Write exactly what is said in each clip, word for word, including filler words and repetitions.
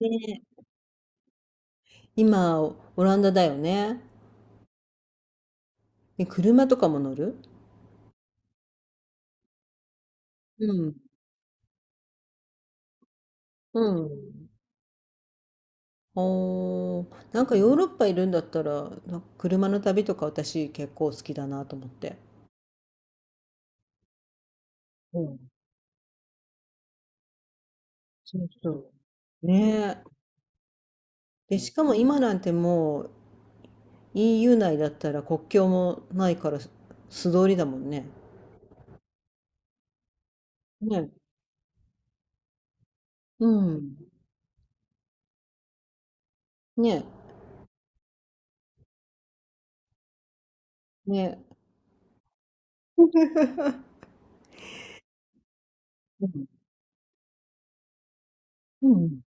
ねえ、今、オランダだよね。え、車とかも乗る。うん。うん。おー、なんかヨーロッパいるんだったら、な車の旅とか私結構好きだなと思って。うん。そうそう。ねえ。で、しかも今なんてもう イーユー 内だったら国境もないから素素通りだもんね。ねえ。うん。ねえ。ねえ。うん。うん。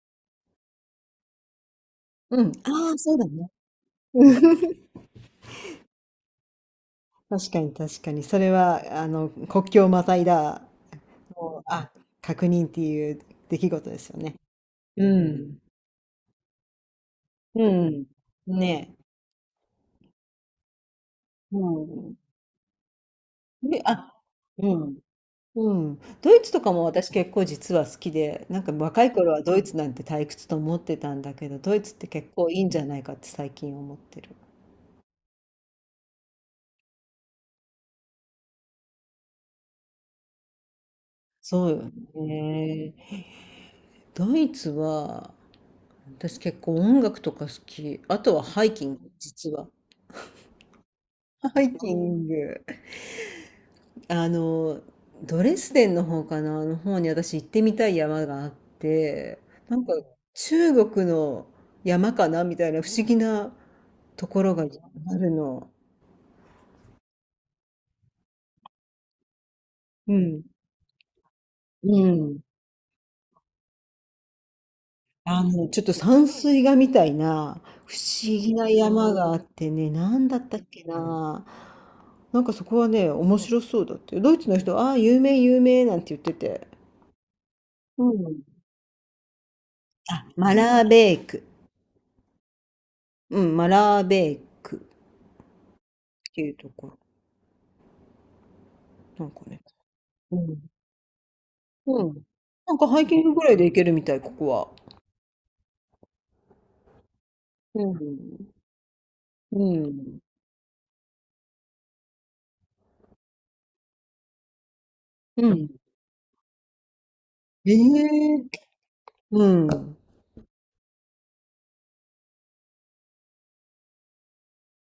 うん。ああ、そうだね。確かに確かに。それは、あの、国境をまたいだもうあ、確認っていう出来事ですよね。うん。うん。ねえ。うん。で、あ、うん。うん。ドイツとかも私結構実は好きで、なんか若い頃はドイツなんて退屈と思ってたんだけど、ドイツって結構いいんじゃないかって最近思ってる。そうよね。ドイツは、私結構音楽とか好き。あとはハイキング、実は。ハイキング。あの、ドレスデンの方かな、あの方に私行ってみたい山があって、なんか中国の山かなみたいな不思議なところがあるの。うん。うん。あの、ちょっと山水画みたいな不思議な山があってね、なんだったっけな。なんかそこはね、面白そうだって。ドイツの人、ああ、有名、有名なんて言ってて。うん。あ、マラーベーク。うん、マラーベークっていうところ。なんかね。うん。うん。なんかハイキングぐらいで行けるみたい、ここは。うん。うん。うん。ええ。うん。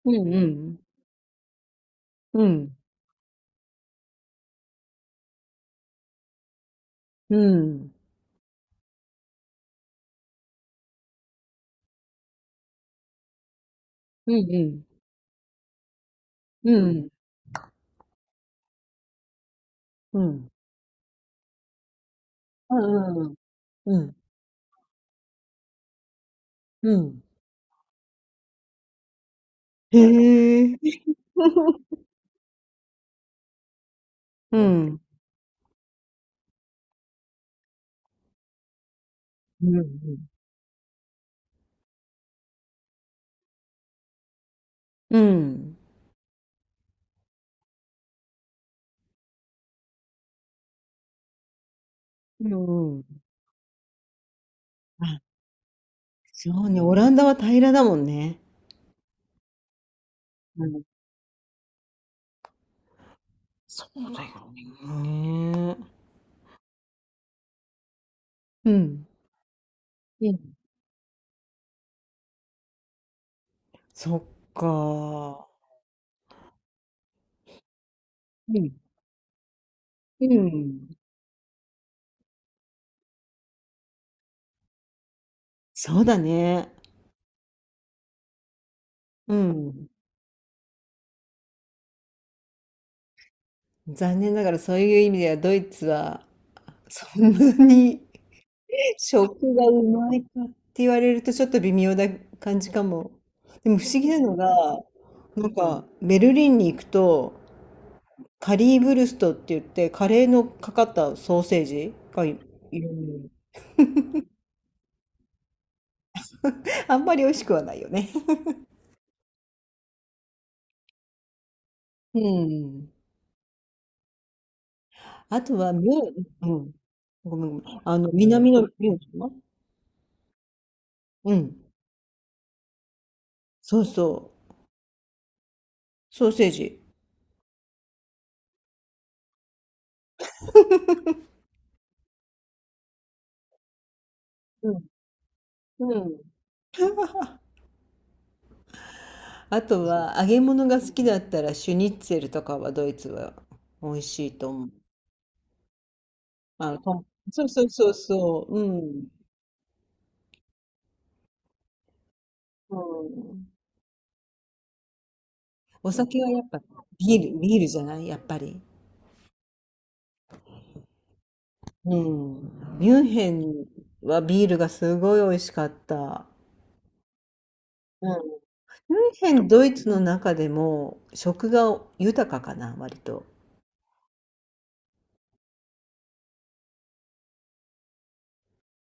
うんうん。うん。うん。うんうん。うん。うん。うんうん。うん。へえ。うん。うんうん。うん。うんうん。あ、そうね。オランダは平らだもんね。うん。そうだよね。うん。うん。そっか。うん。うん。そうだね。うん。残念ながらそういう意味ではドイツはそんなに、 食がうまいかって言われるとちょっと微妙な感じかも。でも不思議なのが、なんかベルリンに行くとカリーブルストって言ってカレーのかかったソーセージがいいる。あんまり美味しくはないよね。うん。あとは、ムーうん。ごめんごめん。あの、南のミューンか。うん。そうそう。ソーセージ。うん。うん。あとは、揚げ物が好きだったら、シュニッツェルとかはドイツは美味しいと思う。あの、とん、そうそうそうそう。うん。うん。お酒はやっぱビール、ビールじゃないやっぱり。うん。ミュンヘンはビールがすごい美味しかった。ミュンヘン、ドイツの中でも食が豊かかな、割と。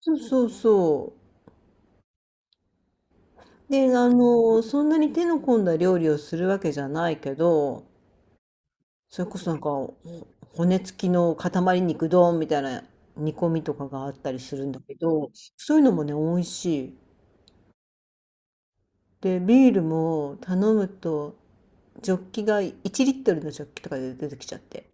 そうそうそう。で、あの、そんなに手の込んだ料理をするわけじゃないけど、それこそなんか、ほ骨付きの塊肉丼みたいな煮込みとかがあったりするんだけど、そういうのもね、美味しい。で、ビールも頼むと、ジョッキがいちリットルのジョッキとかで出てきちゃって。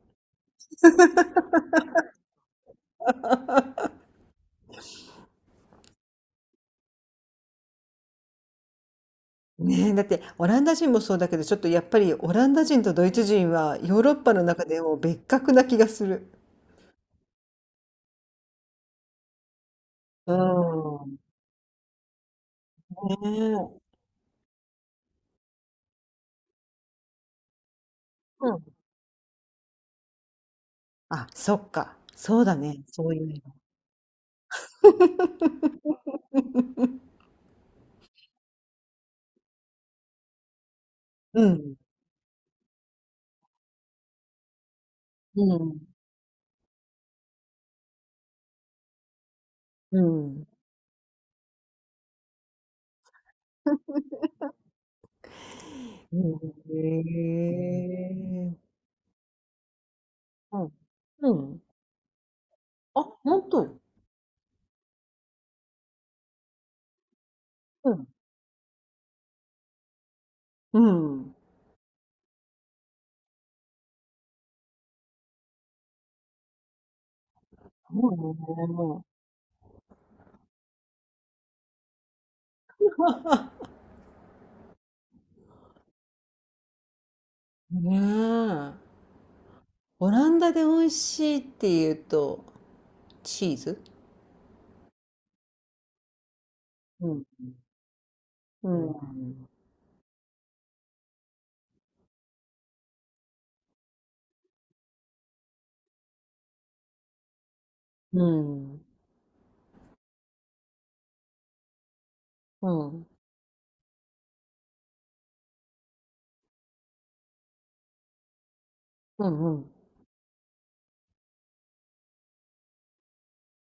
ねえ、だってオランダ人もそうだけど、ちょっとやっぱりオランダ人とドイツ人はヨーロッパの中でも別格な気がする。うーん。ねえ。うん。あ、そっか。そうだね。そういう意味。うん。うん。うん。うん。へえ。うん。うん。あ、ほんうん。うん。そうね。ねえ。オランダで美味しいっていうと、チーズ。うん。うん。うん。うん。うん。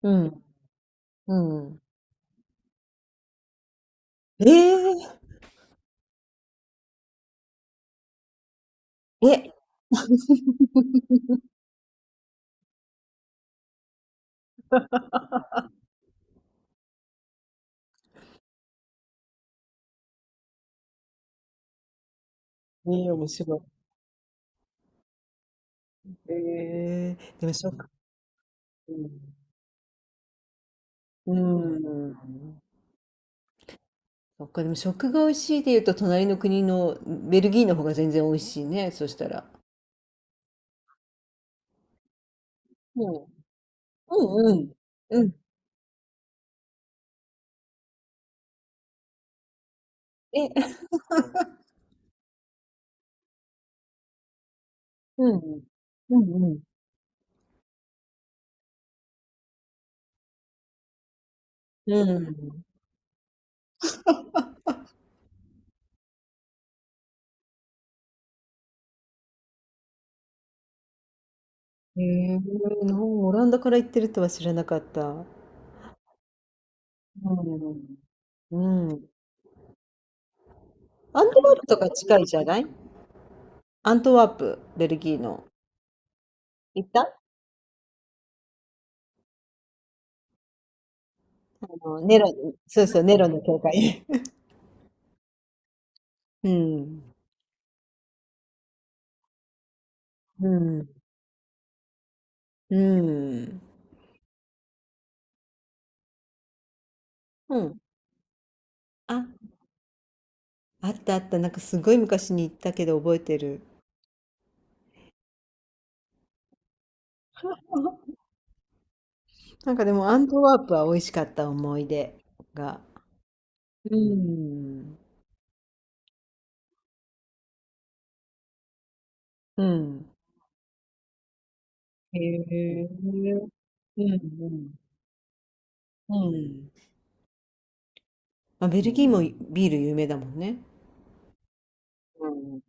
うん。うん。ええ、え、え、 ええ、面白い。ええ、でもしょ、うん。うん。そっか、でも食が美味しいで言うと、隣の国のベルギーの方が全然美味しいね、そしたら。うん。うんうん。うん。え、うん。うんうん。うん。へえ、もうオランダから行ってるとは知らなかった。うん。うん。アントワープとか近いじゃない？アントワープ、ベルギーの。行った、あの、ネロに、そうそう、ネロの教会。うん。うん。うん。うん。あ、あったあった。なんかすごい昔に行ったけど覚えてる。なんかでもアントワープは美味しかった思い出が。うん。うん。へえ。うんうん。うん。まあ、ベルギーもビール有名だもんね。うん。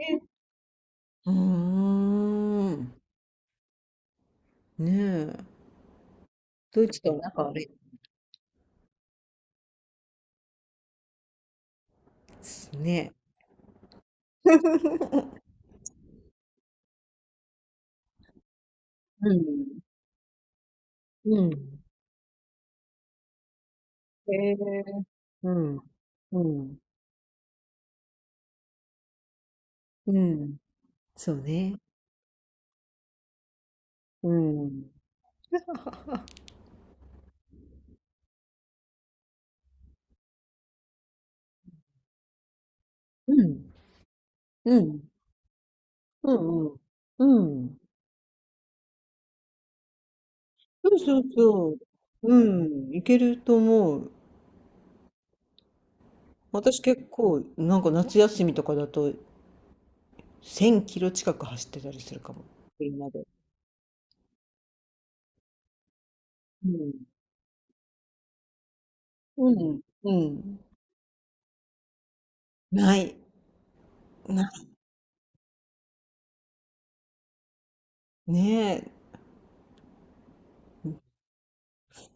ね、うーん。ねえ。ドイツとは仲悪い。すね。うん。うん。へえ。うん。うん。うん。そうね。うん。うん。うん。うんうん。うん。そうそうそう。うん。いけると思う。私結構、なんか夏休みとかだと、せんキロ近く走ってたりするかも。みんなで。うん。うん。うん。ない。ない。ねえ。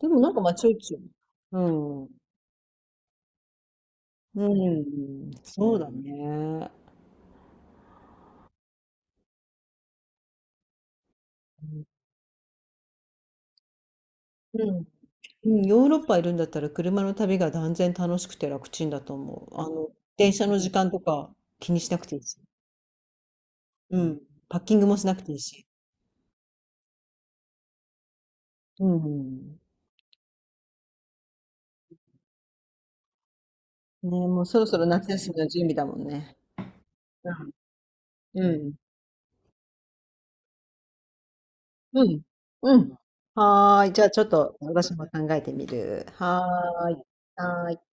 でもなんかまあちょいちょい。うん。うん、そうだね。うんうん、うん、ヨーロッパいるんだったら車の旅が断然楽しくて楽ちんだと思う。あの、電車の時間とか気にしなくていいし。うん。パッキングもしなくていいし。うん。ね、もうそろそろ夏休みの準備だもんね。うん。うん。うん。うん、はーい。じゃあちょっと私も考えてみる。はーい。はーい。